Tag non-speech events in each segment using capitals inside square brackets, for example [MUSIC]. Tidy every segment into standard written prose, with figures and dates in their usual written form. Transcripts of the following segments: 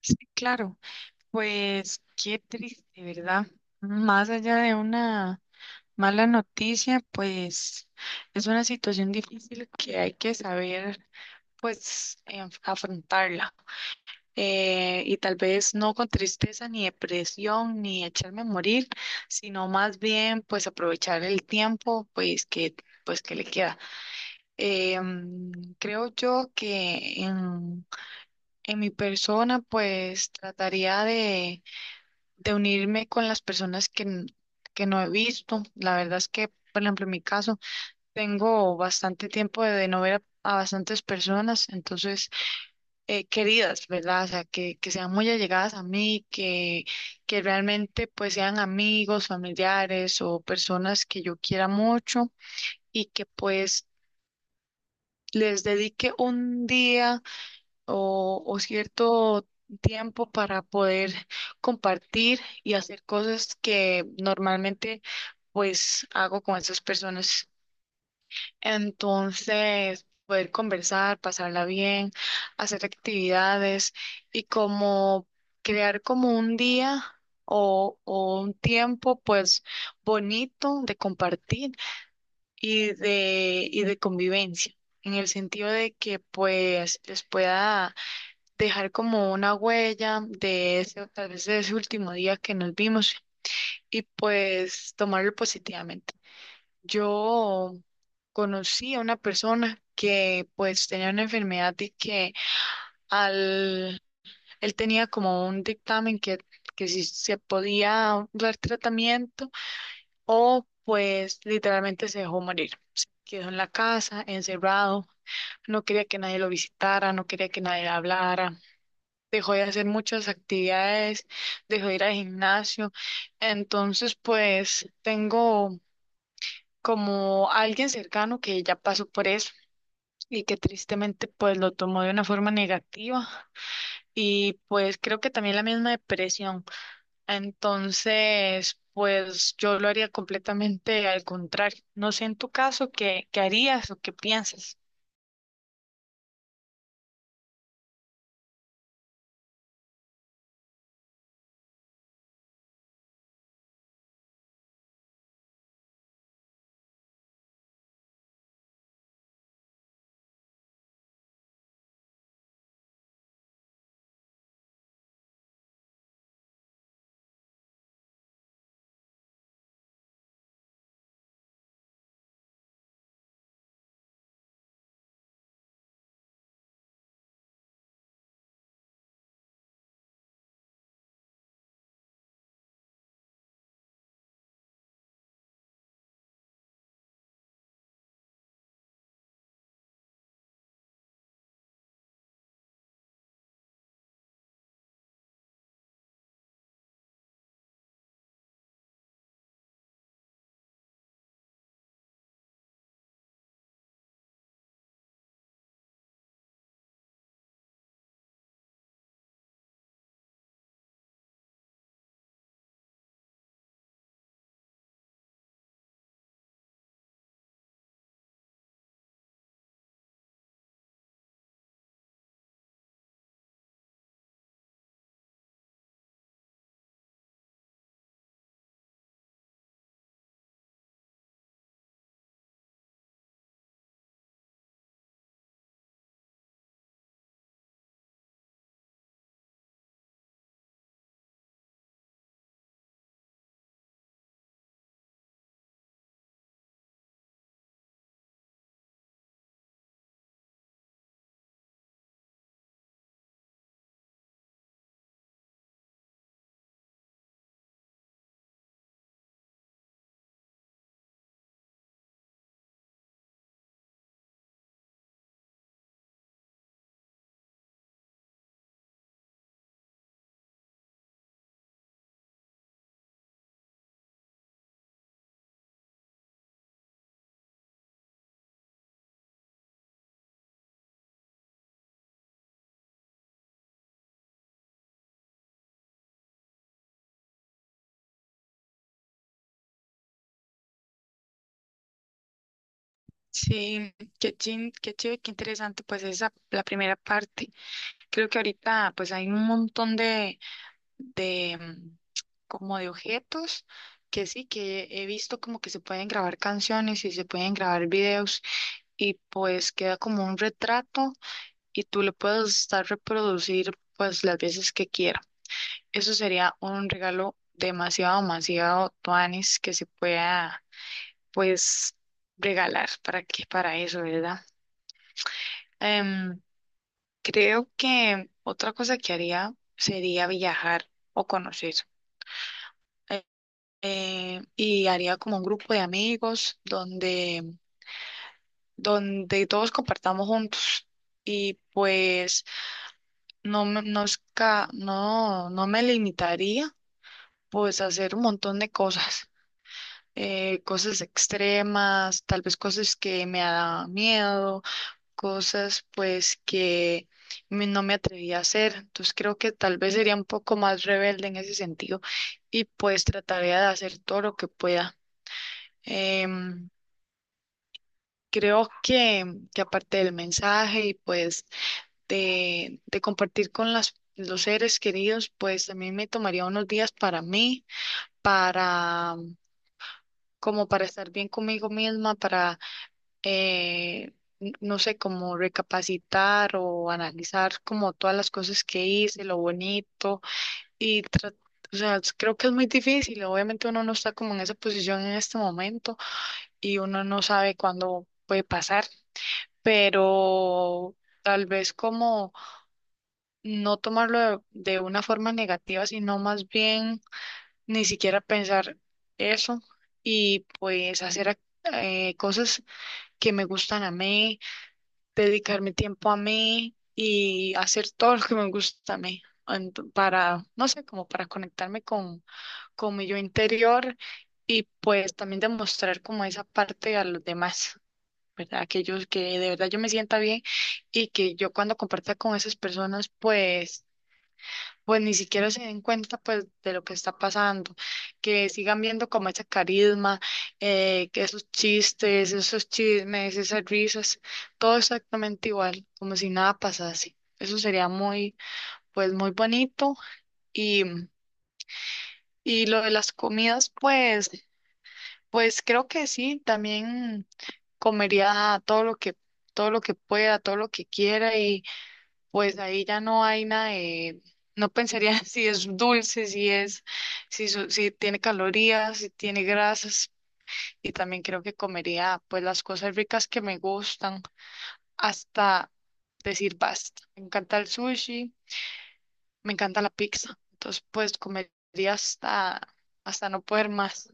Sí, claro, pues qué triste, ¿verdad? Más allá de una mala noticia, pues es una situación difícil que hay que saber, pues, afrontarla. Y tal vez no con tristeza ni depresión ni echarme a morir, sino más bien, pues, aprovechar el tiempo, pues, que le queda. Em, Creo yo que en mi persona, pues, trataría de unirme con las personas que, que no he visto. La verdad es que, por ejemplo, en mi caso, tengo bastante tiempo de no ver a bastantes personas, entonces, queridas, ¿verdad? O sea, que sean muy allegadas a mí, que realmente pues sean amigos, familiares o personas que yo quiera mucho y que pues les dedique un día o cierto tiempo para poder compartir y hacer cosas que normalmente pues hago con esas personas. Entonces, poder conversar, pasarla bien, hacer actividades y como crear como un día o un tiempo pues bonito de compartir y de convivencia. En el sentido de que pues les pueda dejar como una huella de ese, tal vez de ese último día que nos vimos y pues tomarlo positivamente. Yo conocí a una persona que pues tenía una enfermedad y que al, él tenía como un dictamen que si se podía dar tratamiento o pues literalmente se dejó morir. Quedó en la casa, encerrado, no quería que nadie lo visitara, no quería que nadie le hablara. Dejó de hacer muchas actividades, dejó de ir al gimnasio. Entonces, pues tengo como alguien cercano que ya pasó por eso y que tristemente pues lo tomó de una forma negativa y pues creo que también la misma depresión. Entonces, pues yo lo haría completamente al contrario. No sé en tu caso qué, qué harías o qué piensas. Sí, qué chin, qué chido, qué interesante, pues esa la primera parte. Creo que ahorita pues hay un montón de como de objetos que sí, que he visto como que se pueden grabar canciones y se pueden grabar videos y pues queda como un retrato y tú le puedes estar reproducir pues las veces que quiera. Eso sería un regalo demasiado, demasiado tuanis que se pueda pues regalar para que para eso, ¿verdad? Em, Creo que otra cosa que haría sería viajar o conocer. Eh, y haría como un grupo de amigos donde, donde todos compartamos juntos. Y pues no, no, no me limitaría pues a hacer un montón de cosas. Eh, cosas extremas, tal vez cosas que me da miedo cosas pues que no me atreví a hacer. Entonces creo que tal vez sería un poco más rebelde en ese sentido y pues trataría de hacer todo lo que pueda. Em, Creo que aparte del mensaje y pues de compartir con las, los seres queridos, pues también me tomaría unos días para mí, para como para estar bien conmigo misma, eh, no sé, como recapacitar o analizar como todas las cosas que hice, lo bonito y tra- o sea, creo que es muy difícil, obviamente uno no está como en esa posición en este momento y uno no sabe cuándo puede pasar, pero tal vez como no tomarlo de una forma negativa, sino más bien ni siquiera pensar eso y pues cosas que me gustan a mí dedicarme tiempo a mí y hacer todo lo que me gusta a mí, para, no sé, como para conectarme con mi yo interior y pues también demostrar como esa parte a los demás, ¿verdad? Que yo, que de verdad yo me sienta bien y que yo cuando comparta con esas personas, pues ni siquiera se den cuenta pues de lo que está pasando, que sigan viendo como ese carisma, que esos chistes, esos chismes, esas risas, todo exactamente igual, como si nada pasase. Eso sería muy, pues muy bonito. Y, y lo de las comidas, pues, pues creo que sí, también comería todo lo que pueda, todo lo que quiera. Pues ahí ya no hay nada de, no pensaría [LAUGHS] si es dulce, si es, si tiene calorías, si tiene grasas. Y también creo que comería pues las cosas ricas que me gustan hasta decir basta. Me encanta el sushi, me encanta la pizza. Entonces pues comería hasta, hasta no poder más.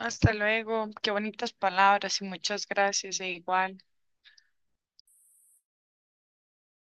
Hasta luego. Qué bonitas palabras y muchas gracias e igual.